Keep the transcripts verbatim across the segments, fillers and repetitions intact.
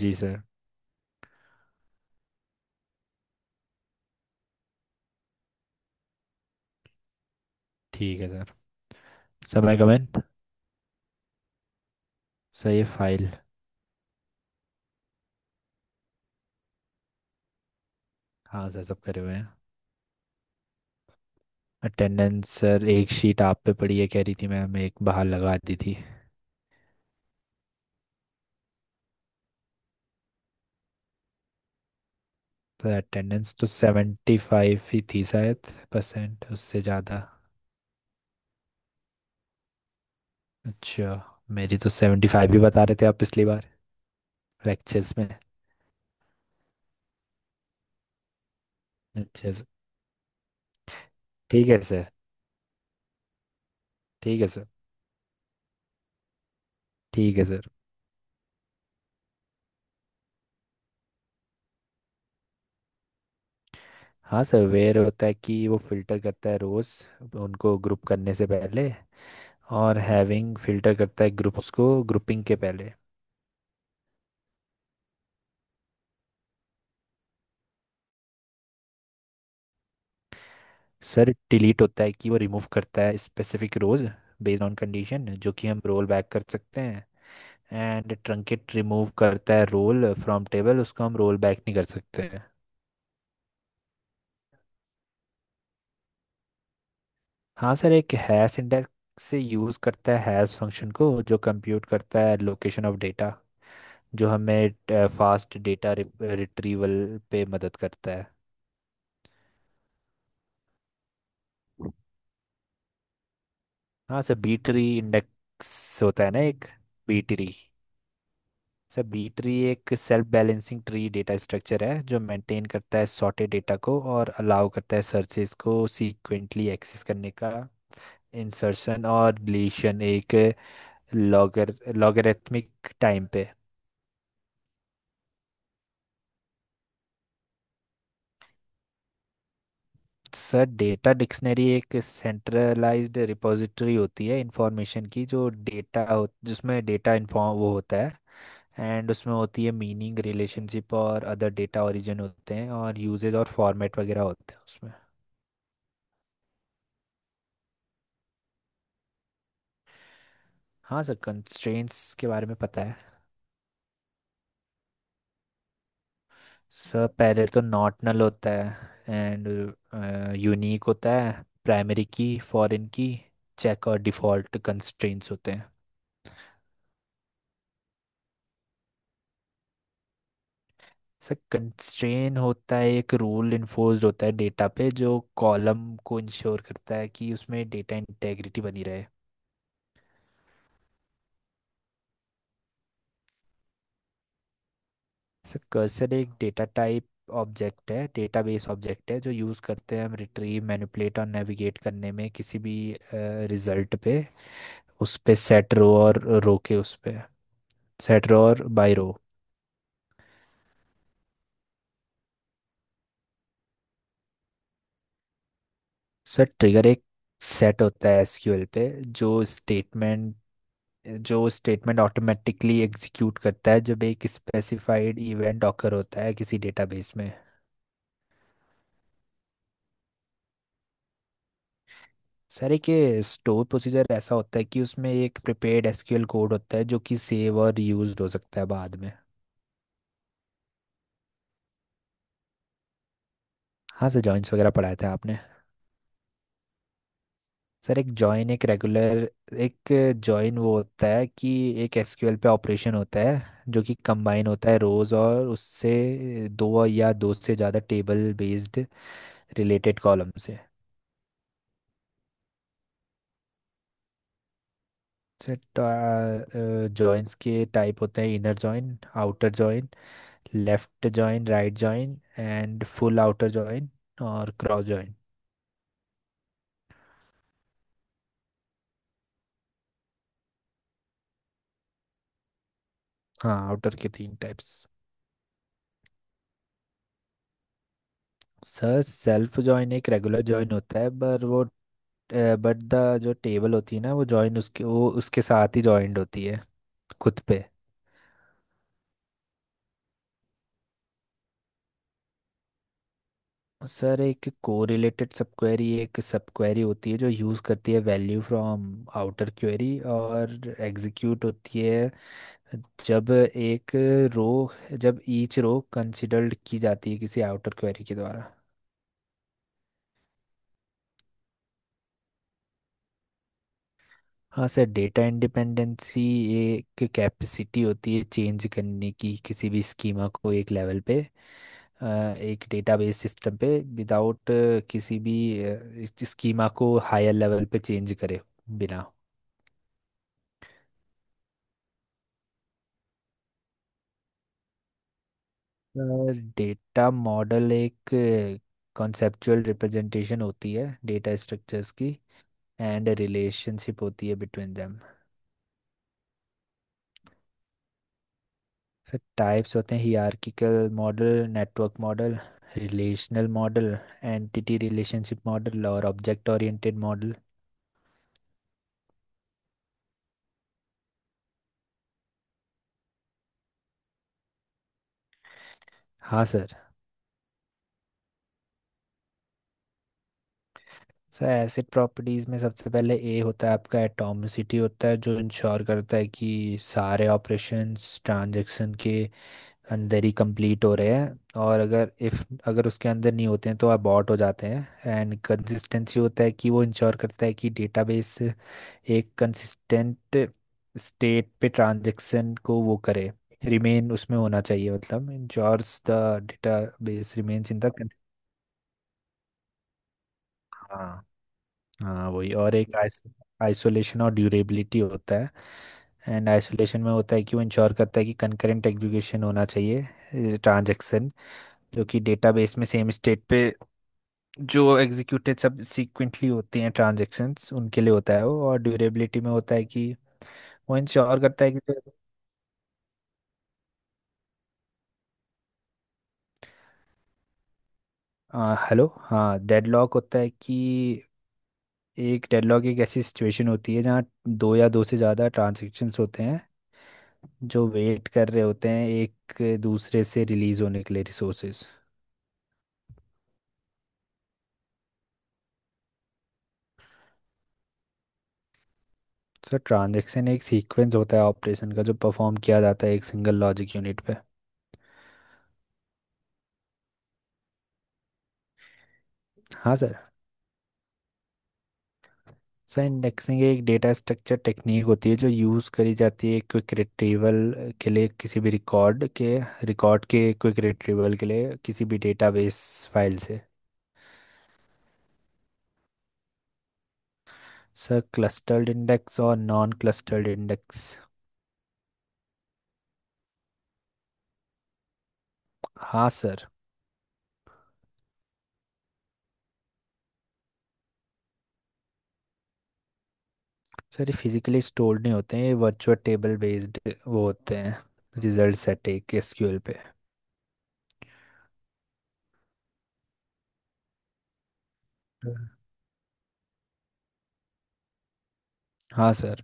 जी sir. ठीक है sir. समय कमेंट। सर ये फाइल। हाँ सर, सब करे हुए हैं। अटेंडेंस सर, एक शीट आप पे पड़ी है, कह रही थी मैम एक बाहर लगा दी थी। सर अटेंडेंस तो सेवेंटी फाइव ही थी शायद, परसेंट उससे ज़्यादा। अच्छा। मेरी तो सेवेंटी फाइव ही बता रहे थे आप पिछली बार लेक्चर्स में। अच्छा सर। ठीक है सर। ठीक है सर। ठीक है सर। हाँ सर, वेयर होता है कि वो फिल्टर करता है रोज़ उनको ग्रुप करने से पहले, और हैविंग फिल्टर करता है ग्रुप्स को ग्रुपिंग के पहले। सर डिलीट होता है कि वो रिमूव करता है specific rows based on condition, जो कि हम रोल बैक कर सकते हैं। एंड ट्रंकेट रिमूव करता है रोल फ्रॉम टेबल, उसको हम रोल बैक नहीं कर सकते हैं। हाँ सर, एक हैश इंडेक्स से यूज़ करता है हैश फंक्शन को जो कंप्यूट करता है लोकेशन ऑफ डेटा, जो हमें फास्ट डेटा रिट्रीवल पे मदद करता है। हाँ सर, बी ट्री इंडेक्स होता है ना एक। B tree sir B tree एक self balancing tree data structure है जो मेंटेन करता है सॉर्टेड डेटा को और अलाउ करता है सर्चेस को सीक्वेंटली एक्सेस करने का, इंसर्शन और डिलीशन एक लॉगर लॉगरिथमिक टाइम पे। सर डेटा डिक्शनरी एक सेंट्रलाइज्ड रिपॉजिटरी होती है इंफॉर्मेशन की, जो डेटा जिसमें डेटा इन्फॉर्म वो होता है, एंड उसमें होती है मीनिंग रिलेशनशिप और अदर डेटा ओरिजिन होते हैं और यूजेज और फॉर्मेट वगैरह होते हैं उसमें। हाँ सर, कंस्ट्रेंट्स के बारे में पता है। सर पहले तो नॉट नल होता है, एंड यूनिक होता है, primary key, foreign key, check और डिफ़ॉल्ट कंस्ट्रेंट्स होते हैं। सर कंस्ट्रेन होता है एक रूल इन्फोर्स्ड होता है डेटा पे, जो कॉलम को इंश्योर करता है कि उसमें डेटा इंटेग्रिटी बनी रहे। सर कर्सर एक डेटा टाइप ऑब्जेक्ट है, डेटाबेस ऑब्जेक्ट है, जो यूज़ करते हैं हम रिट्रीव मैनिपुलेट और नेविगेट करने में किसी भी रिजल्ट पे, उस पे सेट रो और रो के उस पे सेट रो और बाय रो। सर ट्रिगर एक सेट होता है एसक्यूएल पे, जो स्टेटमेंट जो स्टेटमेंट ऑटोमेटिकली एग्जीक्यूट करता है जब एक स्पेसिफाइड इवेंट ऑकर होता है किसी डेटाबेस में। सर एक स्टोर प्रोसीजर ऐसा होता है कि उसमें एक प्रिपेयर्ड एसक्यूएल कोड होता है जो कि सेव और रीयूज हो सकता है बाद में। हाँ सर, जॉइंस वगैरह पढ़ाए थे आपने। सर एक जॉइन एक रेगुलर एक जॉइन वो होता है कि एक एसक्यूएल पे ऑपरेशन होता है जो कि कंबाइन होता है रोज, और उससे दो या दो से ज़्यादा टेबल बेस्ड रिलेटेड कॉलम से। सर जॉइंस के टाइप होते हैं inner join, outer join, left join, right join and full outer join, और क्रॉस जॉइन। हाँ, आउटर के तीन टाइप्स। सर सेल्फ जॉइन एक रेगुलर जॉइन होता है, पर वो बट द जो टेबल होती है ना, वो जॉइंट उसके वो उसके साथ ही जॉइंट होती है खुद पे। सर एक कोरिलेटेड सब क्वेरी एक सब क्वेरी होती है जो यूज़ करती है वैल्यू फ्रॉम आउटर क्वेरी, और एग्जीक्यूट होती है जब एक रो जब ईच रो कंसिडर्ड की जाती है किसी आउटर क्वेरी के द्वारा। हाँ सर, डेटा इंडिपेंडेंसी एक कैपेसिटी होती है चेंज करने की किसी भी स्कीमा को एक लेवल पे, अ, एक डेटाबेस सिस्टम पे, विदाउट किसी भी स्कीमा को हायर लेवल पे चेंज करे बिना। डेटा मॉडल एक कॉन्सेप्चुअल रिप्रेजेंटेशन होती है डेटा स्ट्रक्चर्स की, एंड रिलेशनशिप होती है बिटवीन देम। सर टाइप्स होते हैं hierarchical model, network model, relational model, entity relationship model और ऑब्जेक्ट ओरिएंटेड मॉडल। हाँ सर। सर एसिड प्रॉपर्टीज में सबसे पहले ए होता है आपका, एटॉमिसिटी होता है जो इंश्योर करता है कि सारे ऑपरेशंस ट्रांजैक्शन के अंदर ही कंप्लीट हो रहे हैं, और अगर इफ अगर उसके अंदर नहीं होते हैं तो अबॉर्ट हो जाते हैं। एंड कंसिस्टेंसी होता है कि वो इंश्योर करता है कि डेटाबेस एक कंसिस्टेंट स्टेट पे ट्रांजैक्शन को वो करे, रिमेन उसमें होना चाहिए, मतलब ensures the database remains in the. हाँ, हाँ वही, और एक आइसोलेशन और ड्यूरेबिलिटी होता है। एंड आइसोलेशन में होता है कि वो इंश्योर करता है कि कंकरेंट एग्जीक्यूशन होना चाहिए ट्रांजैक्शन, जो कि डेटाबेस में सेम स्टेट पे जो एग्जीक्यूटेड सब सीक्वेंटली होते हैं ट्रांजैक्शंस उनके लिए होता है वो, और ड्यूरेबिलिटी में होता है कि वो इंश्योर करता है कि। आ, हेलो, हाँ डेडलॉक होता है कि, एक डेडलॉक एक ऐसी सिचुएशन होती है जहाँ दो या दो से ज़्यादा ट्रांजैक्शंस होते हैं जो वेट कर रहे होते हैं एक दूसरे से रिलीज होने के लिए रिसोर्सेज। सर ट्रांजैक्शन एक सीक्वेंस होता है ऑपरेशन का जो परफॉर्म किया जाता है एक सिंगल लॉजिक यूनिट पे। हाँ सर। सर इंडेक्सिंग एक डेटा स्ट्रक्चर टेक्निक होती है जो यूज़ करी जाती है क्विक रिट्रीवल के लिए किसी भी रिकॉर्ड के, रिकॉर्ड के क्विक रिट्रीवल के लिए किसी भी डेटाबेस फाइल से। सर क्लस्टर्ड इंडेक्स और नॉन क्लस्टर्ड इंडेक्स। हाँ सर। सर ये फिजिकली स्टोर्ड नहीं होते हैं, ये वर्चुअल टेबल बेस्ड वो होते हैं, रिजल्ट सेट एक एसक्यूएल पे। हम्म। हाँ सर।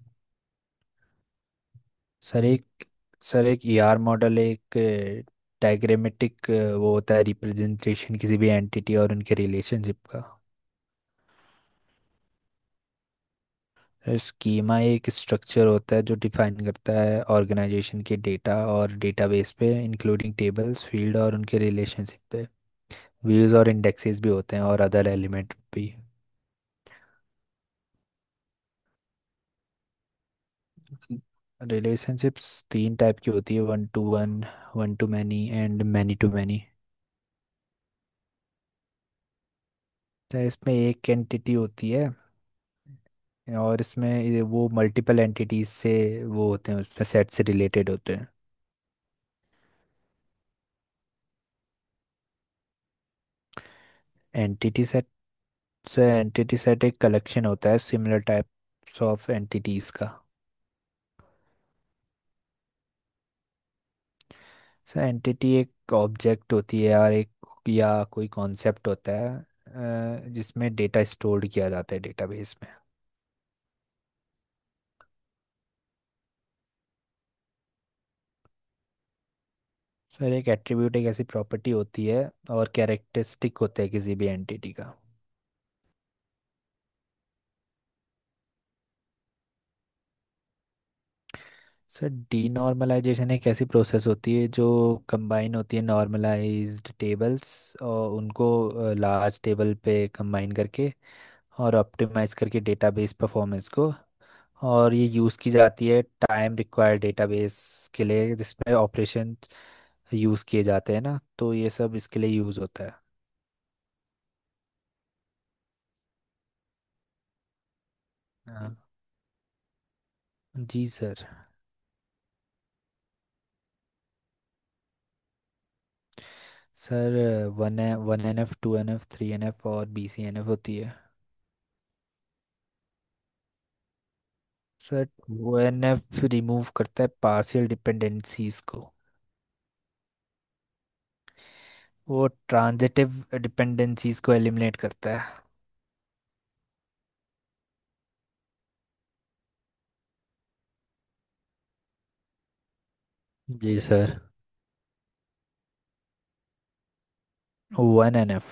सर एक सर एक ईआर मॉडल एक डायग्रामेटिक वो होता है रिप्रेजेंटेशन किसी भी एंटिटी और उनके रिलेशनशिप का। स्कीमा एक स्ट्रक्चर होता है जो डिफाइन करता है ऑर्गेनाइजेशन के डेटा और डेटाबेस पे, इंक्लूडिंग टेबल्स फील्ड और उनके रिलेशनशिप पे, व्यूज और इंडेक्सेस भी होते हैं और अदर एलिमेंट भी। रिलेशनशिप्स तीन टाइप की होती है, one to one, one to many and many to many. तो इसमें एक एंटिटी होती है, और इसमें ये वो मल्टीपल एंटिटीज से वो होते हैं उसमें सेट से रिलेटेड होते हैं। Entity set. So entity set एक कलेक्शन होता है सिमिलर टाइप्स ऑफ एंटिटीज का। सो एंटिटी एक ऑब्जेक्ट होती है और एक या कोई कॉन्सेप्ट होता है, अ, जिसमें डेटा स्टोर किया जाता है डेटाबेस। सर एक एट्रीब्यूट एक ऐसी प्रॉपर्टी होती है और कैरेक्टरिस्टिक होता है किसी भी एंटिटी का। सर डीनॉर्मलाइजेशन एक ऐसी प्रोसेस होती है जो कंबाइन होती है नॉर्मलाइज्ड टेबल्स और उनको लार्ज टेबल पे कंबाइन करके, और ऑप्टिमाइज करके डेटाबेस परफॉर्मेंस को। और ये यूज़ की जाती है टाइम रिक्वायर्ड डेटाबेस के लिए जिसमें ऑपरेशन यूज़ किए जाते हैं ना, तो ये सब इसके लिए यूज़ होता है। हाँ जी sir. Sir one A one N F, two N F, three N F और बी सी एन एफ होती है। Sir two N F remove करता है पार्शियल डिपेंडेंसीज को। वो ट्रांजिटिव डिपेंडेंसीज को एलिमिनेट करता है। जी सर, वन एन एफ